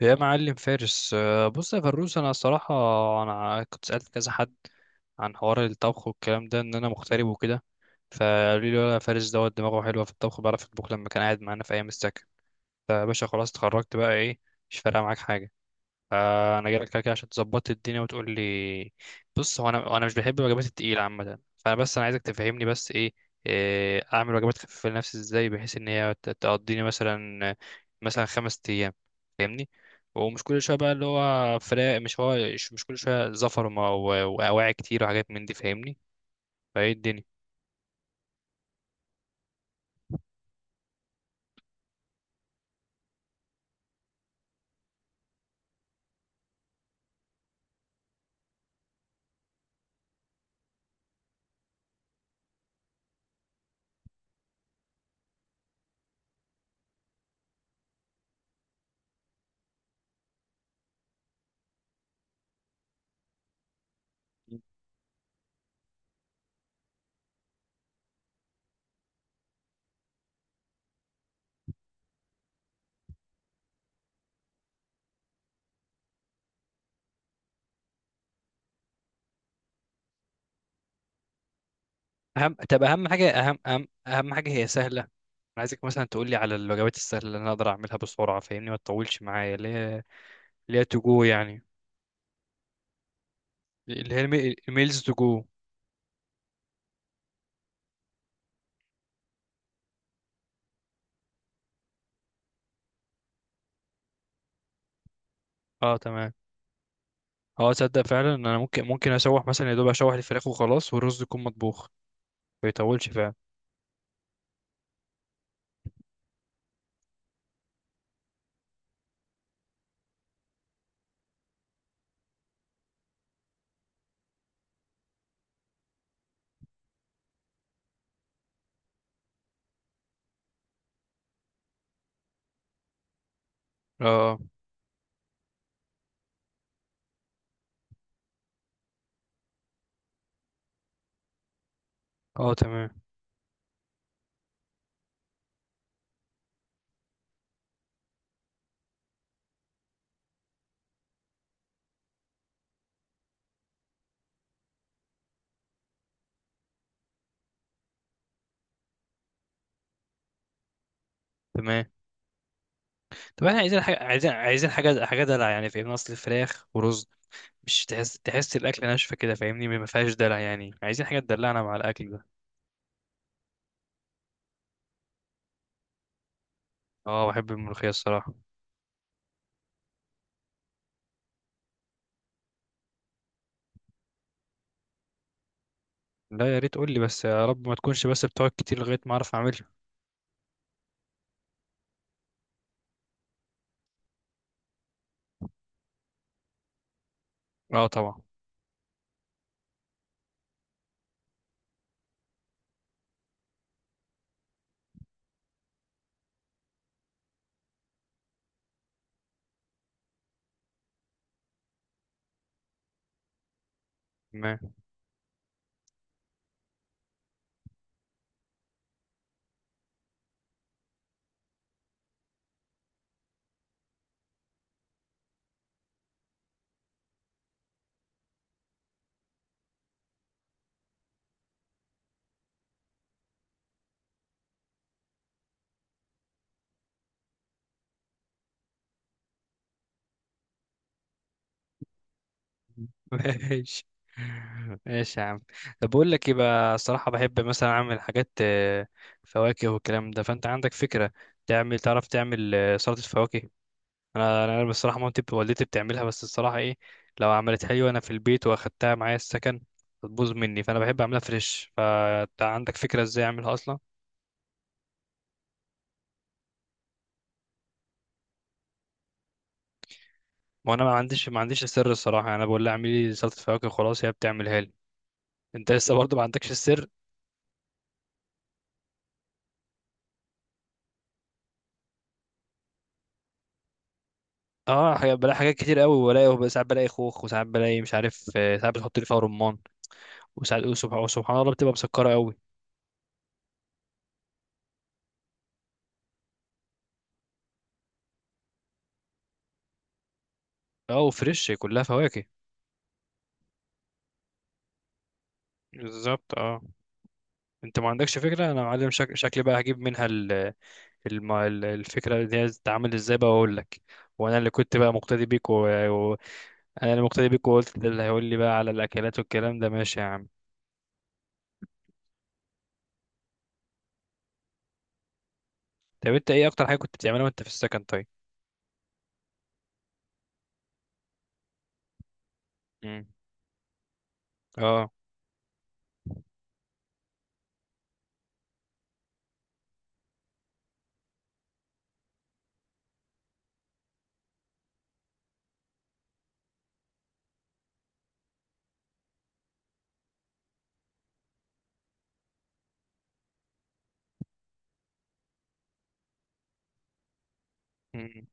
يا معلم فارس، بص يا فروس. انا الصراحه انا كنت سالت كذا حد عن حوار الطبخ والكلام ده ان انا مغترب وكده. فقالوا لي لا فارس دوت دماغه حلوه في الطبخ، بيعرف يطبخ لما كان قاعد معانا في ايام السكن. فيا باشا خلاص اتخرجت بقى، ايه مش فارقه معاك حاجه. فانا جايلك كده كده عشان تظبط الدنيا وتقول لي. بص، هو انا مش بحب الوجبات التقيله عامه. فانا بس انا عايزك تفهمني بس ايه, إيه اعمل وجبات خفيفه لنفسي ازاي بحيث ان هي تقضيني مثلا 5 ايام. فاهمني. ومش كل شويه بقى، اللي هو فراق، مش هو مش مش كل شويه زفر و واواعي كتير وحاجات من دي. فاهمني، فايه الدنيا؟ اهم، طب اهم حاجه، اهم حاجه هي سهله. انا عايزك مثلا تقول لي على الوجبات السهله اللي انا اقدر اعملها بسرعه. فاهمني، ما تطولش معايا. اللي هي تو جو يعني، اللي هي الميلز تو جو. اه تمام. اه، تصدق فعلا ان انا ممكن اشوح مثلا، يا دوب اشوح الفراخ وخلاص، والرز يكون مطبوخ. ما يطولش فعلا. اه اه، آه، تمام تمام. طب احنا عايزين حاجه، عايزين حاجه دلع يعني. فاهمني، اصل فراخ ورز مش تحس الاكل ناشفه كده. فاهمني، ما فيهاش دلع يعني. عايزين حاجه تدلعنا مع الاكل ده. اه بحب الملوخيه الصراحه. لا، يا ريت قول لي، بس يا رب ما تكونش بس بتقعد كتير لغايه ما اعرف اعملها. اه طبعا. تمام. ماشي، ماشي يا عم. طب بقول لك ايه بقى، الصراحة بحب مثلا اعمل حاجات فواكه والكلام ده. فانت عندك فكرة تعمل، تعرف تعمل سلطة فواكه؟ انا بصراحة مامتي والدتي بتعملها، بس الصراحة ايه، لو عملت حلوة انا في البيت واخدتها معايا السكن هتبوظ مني. فانا بحب اعملها فريش. فانت عندك فكرة ازاي اعملها اصلا؟ ما انا ما عنديش السر الصراحة. يعني انا بقول لها اعملي لي سلطة فواكه، خلاص هي بتعملها لي. انت لسه برضه ما عندكش السر؟ اه، بلاقي حاجات كتير قوي. وبلاقي ساعات بلاقي خوخ، وساعات بلاقي مش عارف، ساعات بتحط لي فيها رمان. وساعات، وسبحان سبحان الله، بتبقى مسكرة قوي. اه وفريش، كلها فواكه. بالظبط اه. انت ما عندكش فكرة انا معلم. شكلي بقى هجيب منها ال... الفكرة دي هتتعامل ازاي بقى، واقول لك. وانا اللي كنت بقى مقتدي بيك و... و... انا اللي مقتدي بيك، وقلت ده اللي هيقول لي بقى على الاكلات والكلام ده. ماشي يا عم. طب انت ايه اكتر حاجة كنت بتعملها وانت في السكن طيب؟ مم. اه. مم.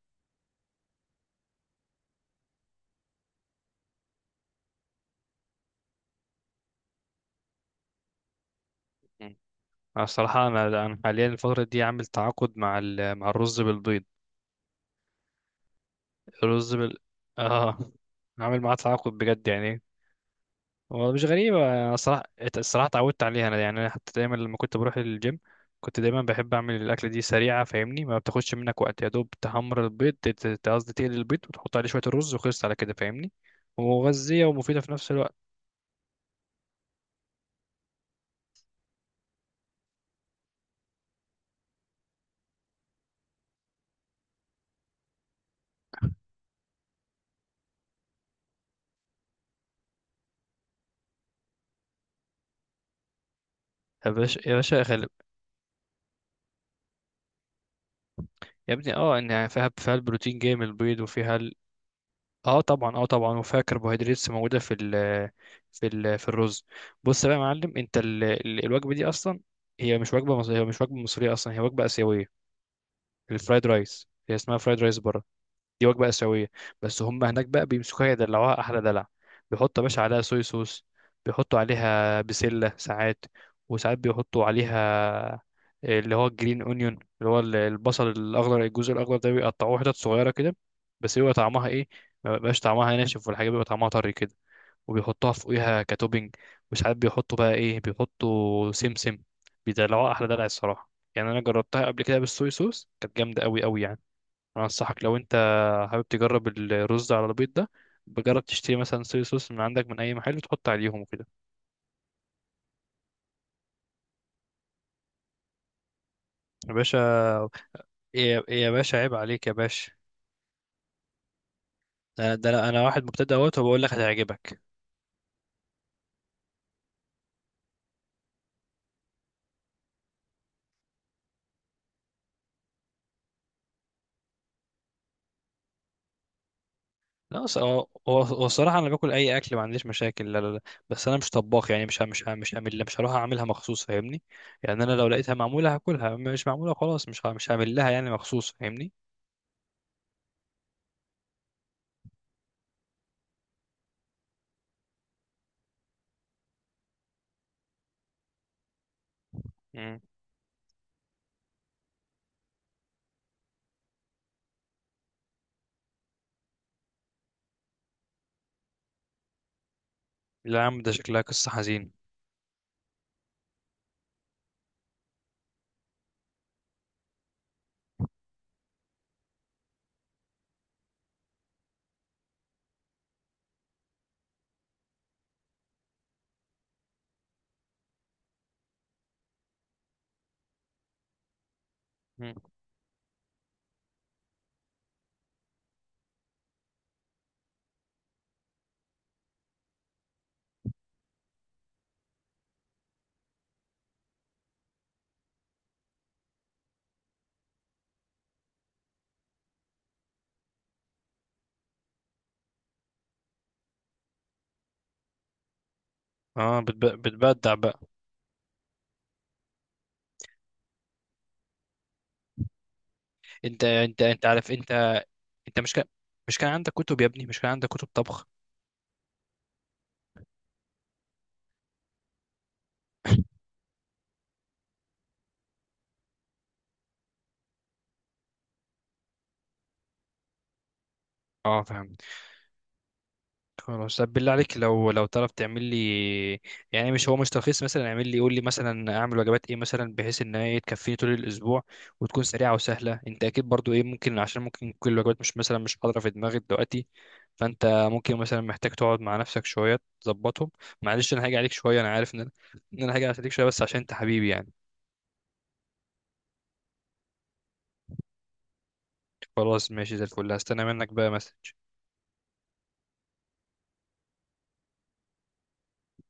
أنا الصراحة، أنا حاليا الفترة دي عامل تعاقد مع الرز بالبيض. الرز آه. عامل معاه تعاقد بجد يعني. هو مش غريبة أنا الصراحة. الصراحة اتعودت عليها أنا. يعني أنا حتى دايما لما كنت بروح الجيم كنت دايما بحب أعمل الأكلة دي سريعة. فاهمني، ما بتاخدش منك وقت، يا دوب تحمر البيض، قصدي تقلي البيض وتحط عليه شوية الرز وخلصت على كده. فاهمني، ومغذية ومفيدة في نفس الوقت. يا باشا، يا باشا، يا ابني، اه ان فيها البروتين جاي من البيض وفيها. اه طبعا، اه طبعا، وفيها كربوهيدرات موجوده في الرز. بص بقى يا معلم، انت ال الوجبه دي اصلا هي مش وجبه مصريه، هي مش وجبه مصريه اصلا، هي وجبه اسيويه. الفرايد رايس، هي اسمها فرايد رايس بره. دي وجبه اسيويه. بس هم هناك بقى بيمسكوها يدلعوها احلى دلع. بيحطوا يا باشا عليها صويا صوص، بيحطوا عليها بسله ساعات، وساعات بيحطوا عليها اللي هو الجرين اونيون، اللي هو البصل الاخضر. الجزء الاخضر ده بيقطعوه حتت صغيره كده، بس بيبقى طعمها ايه، ما بيبقاش طعمها ناشف، والحاجه بيبقى طعمها طري كده. وبيحطوها فوقيها كتوبينج. وساعات بيحطوا بقى ايه، بيحطوا سمسم. بيدلعوها احلى دلع الصراحه. يعني انا جربتها قبل كده بالصويا صوص، كانت جامده قوي قوي يعني. انا انصحك، لو انت حابب تجرب الرز على البيض ده، بجرب تشتري مثلا صويا صوص من عندك من اي محل وتحط عليهم وكده. يا باشا، يا باشا عيب عليك يا باشا. ده انا، واحد مبتدئ اهوت وبقول لك هتعجبك. لا، هو الصراحه انا باكل اي اكل، ما عنديش مشاكل. لا، لا، لا. بس انا مش طباخ يعني، مش هعمل، مش هروح اعملها مخصوص. فاهمني، يعني انا لو لقيتها معموله هاكلها، مش معموله خلاص مش هعمل لها يعني مخصوص. فاهمني. مم. لا يا عم، ده شكلها قصه حزين. مم. اه، بتبدع بقى. انت عارف. انت مش كان عندك كتب يا ابني، مش كان عندك كتب طبخ؟ اه فهمت. خلاص، طب بالله عليك، لو تعرف تعمل لي، يعني مش هو، مش تلخيص مثلا، اعمل لي، قول لي مثلا اعمل وجبات ايه مثلا بحيث ان هي تكفيني طول الاسبوع، وتكون سريعه وسهله. انت اكيد برضو ايه ممكن، عشان ممكن كل الوجبات مش مثلا مش حاضره في دماغك دلوقتي. فانت ممكن مثلا محتاج تقعد مع نفسك شويه تظبطهم. معلش انا هاجي عليك شويه، انا عارف ان انا هاجي عليك شويه، بس عشان انت حبيبي يعني. خلاص ماشي زي الفل، هستنى منك بقى مسج.